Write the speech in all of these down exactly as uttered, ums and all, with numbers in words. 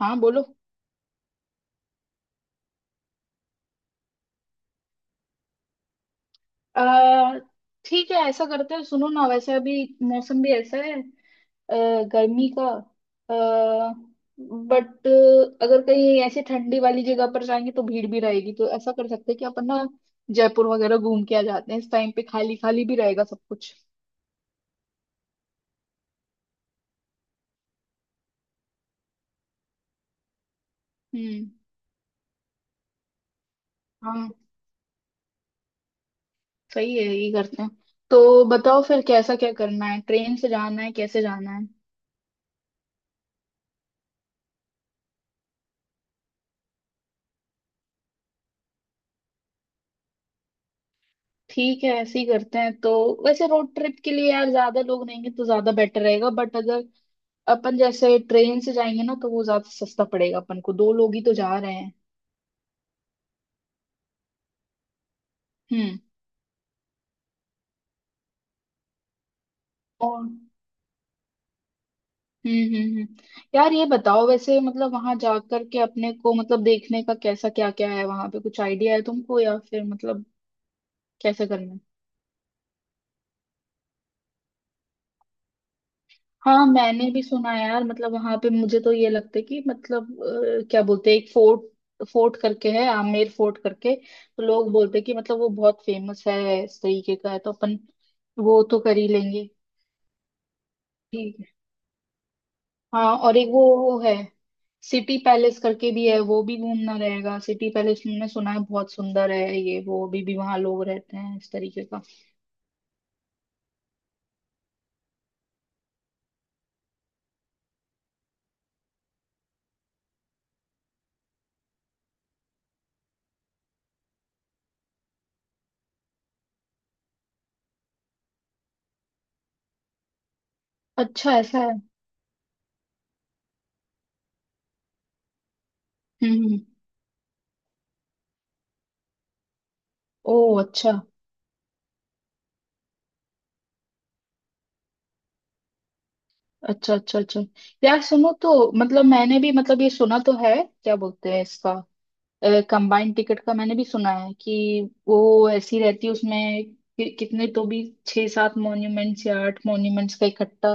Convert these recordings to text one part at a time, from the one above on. हाँ बोलो। अ, ठीक है ऐसा करते हैं सुनो ना वैसे अभी मौसम भी ऐसा है अ, गर्मी का। बट अगर कहीं ऐसे ठंडी वाली जगह पर जाएंगे तो भीड़ भी रहेगी, तो ऐसा कर सकते हैं कि अपन ना जयपुर वगैरह घूम के आ जाते हैं, इस टाइम पे खाली खाली भी रहेगा सब कुछ। हम्म। हाँ। सही है यही करते हैं। तो बताओ फिर कैसा क्या करना है, ट्रेन से जाना है कैसे जाना है? ठीक है ऐसे ही करते हैं तो। वैसे रोड ट्रिप के लिए यार ज्यादा लोग नहीं हैं तो ज्यादा बेटर रहेगा बट अगर अपन जैसे ट्रेन से जाएंगे ना तो वो ज्यादा सस्ता पड़ेगा, अपन को दो लोग ही तो जा रहे हैं। हम्म। और हम्म। हम्म हम्म। यार ये बताओ, वैसे मतलब वहां जाकर के अपने को मतलब देखने का कैसा क्या क्या है वहां पे, कुछ आइडिया है तुमको या फिर मतलब कैसे करना है? हाँ मैंने भी सुना है यार, मतलब वहां पे मुझे तो ये लगता है कि मतलब अ, क्या बोलते हैं एक फोर्ट फोर्ट करके है, आमेर फोर्ट करके तो लोग बोलते हैं कि मतलब वो बहुत फेमस है इस तरीके का है, तो अपन वो तो कर ही लेंगे। ठीक है। हाँ और एक वो वो है सिटी पैलेस करके भी है, वो भी घूमना रहेगा। सिटी पैलेस मैंने सुना है बहुत सुंदर है, ये वो अभी भी वहां लोग रहते हैं इस तरीके का। अच्छा ऐसा है। हम्म हम्म। ओ अच्छा। अच्छा अच्छा अच्छा। यार सुनो तो मतलब मैंने भी मतलब ये सुना तो है, क्या बोलते हैं इसका, कंबाइंड टिकट का मैंने भी सुना है कि वो ऐसी रहती है उसमें कि कितने तो भी छह सात मॉन्यूमेंट्स या आठ मॉन्यूमेंट्स का इकट्ठा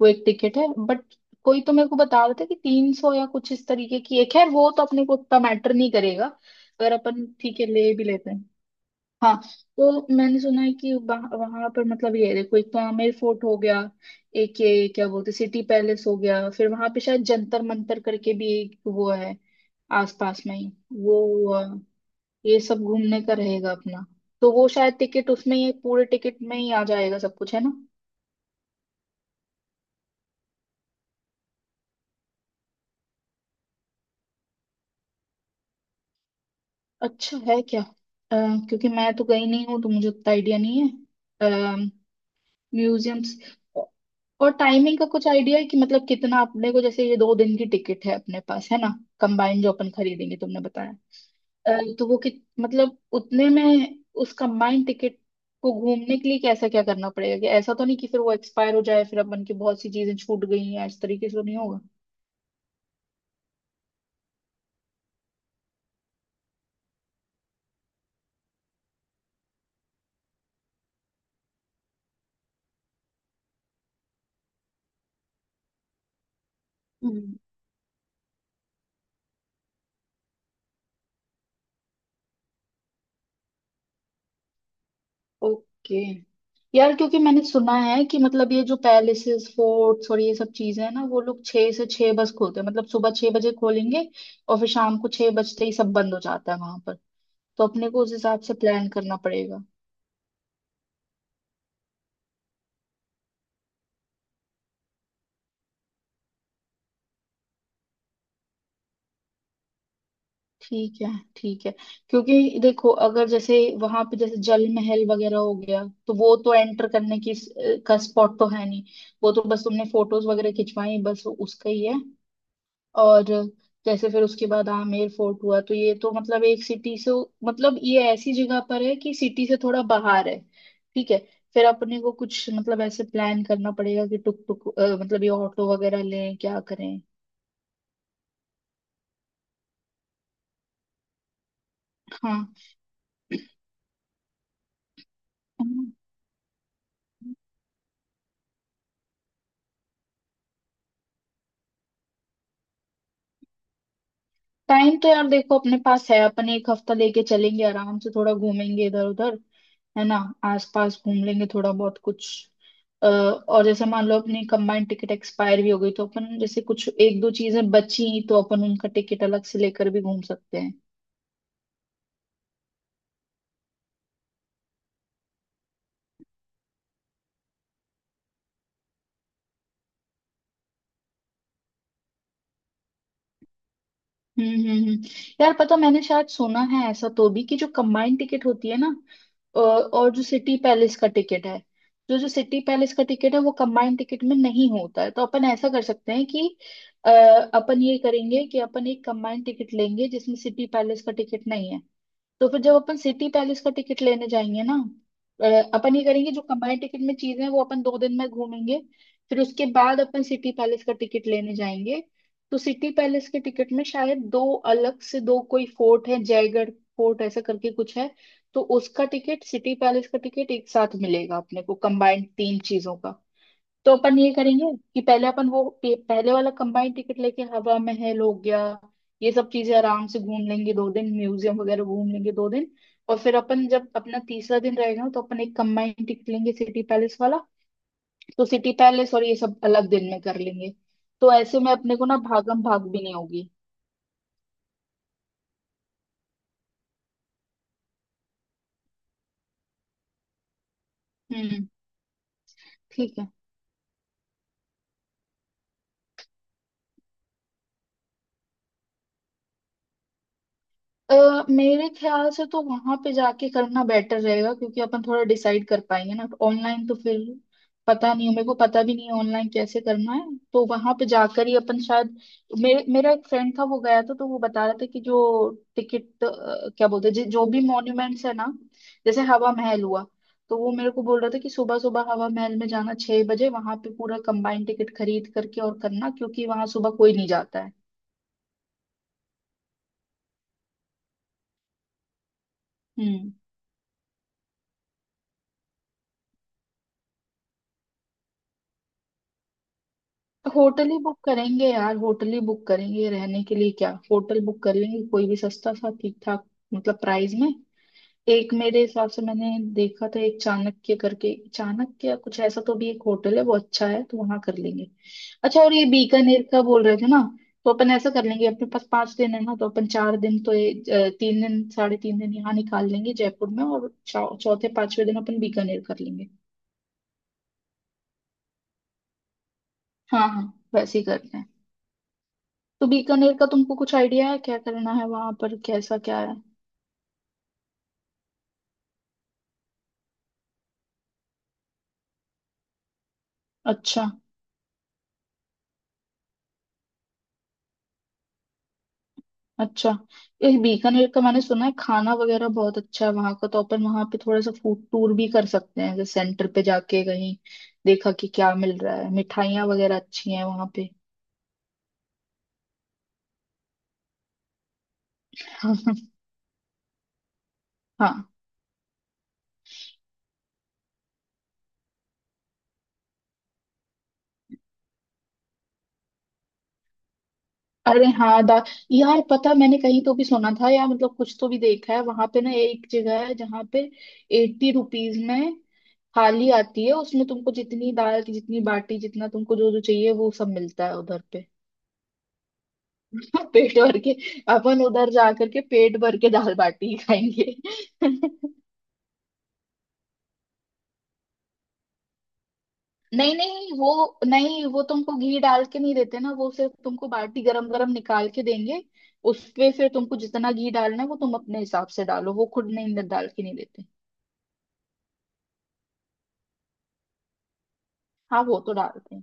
वो एक टिकट है। बट कोई तो मेरे को बता रहा था कि तीन सौ या कुछ इस तरीके की एक है, वो तो अपने को उतना मैटर नहीं करेगा, अगर अपन ठीक है ले भी लेते हैं। हाँ। तो मैंने सुना है कि वहां पर मतलब ये है, देखो एक तो आमेर फोर्ट हो गया, एक ये क्या बोलते सिटी पैलेस हो गया, फिर वहां पे शायद जंतर मंतर करके भी एक वो है आसपास में ही, वो हुआ, ये सब घूमने का रहेगा अपना, तो वो शायद टिकट उसमें ही पूरे टिकट में ही आ जाएगा सब कुछ है ना। अच्छा है क्या? अ, क्योंकि मैं तो गई नहीं हूँ तो मुझे उतना आइडिया नहीं है म्यूजियम्स। और टाइमिंग का कुछ आइडिया है कि मतलब कितना अपने को, जैसे ये दो दिन की टिकट है अपने पास है ना कंबाइन जो अपन खरीदेंगे तुमने बताया, अ, तो वो कि मतलब उतने में उस कंबाइंड टिकट को घूमने के लिए कैसा क्या करना पड़ेगा, कि ऐसा तो नहीं कि फिर वो एक्सपायर हो जाए फिर अपन की बहुत सी चीजें छूट गई हैं इस तरीके से तो नहीं होगा? हम्म। ओके। यार क्योंकि मैंने सुना है कि मतलब ये जो पैलेसेस फोर्ट्स और ये सब चीजें हैं ना वो लोग छह से छह बस खोलते हैं, मतलब सुबह छह बजे खोलेंगे और फिर शाम को छह बजते ही सब बंद हो जाता है वहां पर, तो अपने को उस हिसाब से प्लान करना पड़ेगा। ठीक है ठीक है। क्योंकि देखो अगर जैसे वहां पे जैसे जल महल वगैरह हो गया तो वो तो एंटर करने की का स्पॉट तो है नहीं, वो तो बस तुमने फोटोज वगैरह खिंचवाई बस उसका ही है। और जैसे फिर उसके बाद आमेर फोर्ट हुआ तो ये तो मतलब एक सिटी से मतलब ये ऐसी जगह पर है कि सिटी से थोड़ा बाहर है। ठीक है। फिर अपने को कुछ मतलब ऐसे प्लान करना पड़ेगा कि टुक टुक अ, मतलब ये ऑटो वगैरह लें क्या करें। हाँ। टाइम तो यार देखो अपने पास है, अपन एक हफ्ता लेके चलेंगे, आराम से थोड़ा घूमेंगे इधर उधर है ना, आसपास घूम लेंगे थोड़ा बहुत कुछ। अ, और जैसे मान लो अपनी कंबाइंड टिकट एक्सपायर भी हो गई तो अपन जैसे कुछ एक दो चीजें बची तो अपन उनका टिकट अलग से लेकर भी घूम सकते हैं। हम्म हम्म हम्म। यार पता मैंने शायद सुना है ऐसा तो भी कि जो कंबाइंड टिकट होती है ना अ, और जो सिटी पैलेस का टिकट है, जो जो सिटी पैलेस का टिकट है वो कंबाइंड टिकट में नहीं होता है, तो अपन ऐसा कर सकते हैं कि अ, अपन ये करेंगे कि अपन एक कंबाइंड टिकट लेंगे जिसमें सिटी पैलेस का टिकट नहीं है, तो फिर जब अपन सिटी पैलेस का टिकट लेने जाएंगे ना, अ, अपन ये करेंगे जो कंबाइंड टिकट में चीजें हैं वो अपन दो दिन में घूमेंगे, फिर उसके बाद अपन सिटी पैलेस का टिकट लेने जाएंगे, तो सिटी पैलेस के टिकट में शायद दो अलग से दो कोई फोर्ट है जयगढ़ फोर्ट ऐसा करके कुछ है, तो उसका टिकट सिटी पैलेस का टिकट एक साथ मिलेगा अपने को कंबाइंड तीन चीजों का। तो अपन ये करेंगे कि पहले अपन वो पे- पहले वाला कंबाइंड टिकट लेके हवा महल हो गया ये सब चीजें आराम से घूम लेंगे दो दिन, म्यूजियम वगैरह घूम लेंगे दो दिन, और फिर अपन जब अपना तीसरा दिन रहेगा तो अपन एक कंबाइंड टिकट लेंगे सिटी पैलेस वाला, तो सिटी पैलेस और ये सब अलग दिन में कर लेंगे, तो ऐसे में अपने को ना भागम भाग भी नहीं होगी। हम्म। ठीक है। अ, मेरे ख्याल से तो वहां पे जाके करना बेटर रहेगा क्योंकि अपन थोड़ा डिसाइड कर पाएंगे ना, ऑनलाइन तो फिर पता नहीं है, मेरे को पता भी नहीं है ऑनलाइन कैसे करना है तो वहां पे जाकर ही अपन शायद। मेरे मेरा एक फ्रेंड था वो गया था, तो वो बता रहा था कि जो टिकट अ, क्या बोलते हैं जि- जो भी मॉन्यूमेंट्स है ना जैसे हवा महल हुआ, तो वो मेरे को बोल रहा था कि सुबह सुबह हवा महल में जाना छह बजे, वहां पे पूरा कंबाइंड टिकट खरीद करके और करना क्योंकि वहां सुबह कोई नहीं जाता है। हम्म। होटल ही बुक करेंगे यार, होटल ही बुक करेंगे रहने के लिए, क्या होटल बुक कर लेंगे कोई भी सस्ता सा ठीक ठाक, मतलब प्राइस में। एक मेरे हिसाब से मैंने देखा था, एक चाणक्य करके, चाणक्य कुछ ऐसा तो भी एक होटल है वो अच्छा है तो वहां कर लेंगे। अच्छा और ये बीकानेर का बोल रहे थे ना, तो अपन ऐसा कर लेंगे, अपने पास पांच दिन है ना तो अपन चार दिन तो ये अ, तीन दिन साढ़े तीन दिन यहाँ निकाल लेंगे जयपुर में और चौ- चौथे पांचवे दिन अपन बीकानेर कर लेंगे। हाँ हाँ वैसे ही करते हैं। तो बीकानेर का तुमको कुछ आइडिया है क्या करना है वहां पर कैसा क्या है? अच्छा। अच्छा। ये बीकानेर का मैंने सुना है खाना वगैरह बहुत अच्छा है वहां का, तो अपन वहां पे थोड़ा सा फूड टूर भी कर सकते हैं, जैसे सेंटर पे जाके कहीं देखा कि क्या मिल रहा है, मिठाइयाँ वगैरह अच्छी हैं वहां पे। हाँ। अरे हाँ दा यार पता मैंने कहीं तो भी सुना था या मतलब कुछ तो भी देखा है वहां पे ना एक जगह है जहाँ पे एट्टी रुपीज में थाली आती है, उसमें तुमको जितनी दाल की जितनी बाटी जितना तुमको जो जो चाहिए वो सब मिलता है उधर पे। पेट भर के अपन उधर जा करके पेट भर के दाल बाटी खाएंगे। नहीं नहीं वो नहीं, वो तुमको घी डाल के नहीं देते ना, वो सिर्फ तुमको बाटी गरम गरम निकाल के देंगे, उसपे फिर तुमको जितना घी डालना है वो तुम अपने हिसाब से डालो, वो खुद नहीं न- डाल के नहीं देते। हाँ वो तो डालते हैं।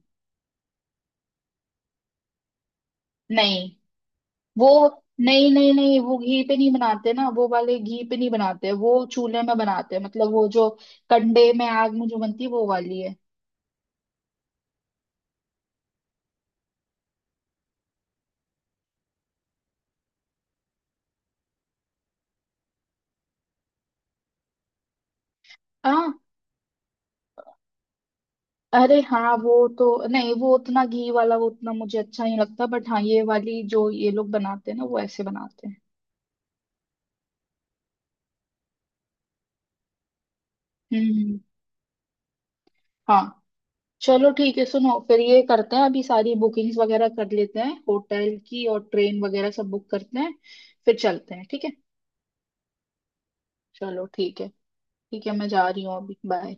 नहीं वो नहीं नहीं नहीं वो घी पे नहीं बनाते ना, वो वाले घी पे नहीं बनाते, वो चूल्हे में बनाते हैं, मतलब वो जो कंडे में आग में जो बनती है वो वाली है। हाँ। अरे हाँ वो तो नहीं, वो उतना घी वाला वो उतना मुझे अच्छा नहीं लगता बट हाँ ये वाली जो ये लोग बनाते हैं ना वो ऐसे बनाते हैं। हम्म। हाँ। चलो ठीक है सुनो, फिर ये करते हैं अभी सारी बुकिंग्स वगैरह कर लेते हैं होटल की और ट्रेन वगैरह सब बुक करते हैं फिर चलते हैं ठीक है। चलो ठीक है। ठीक है मैं जा रही हूँ अभी। बाय।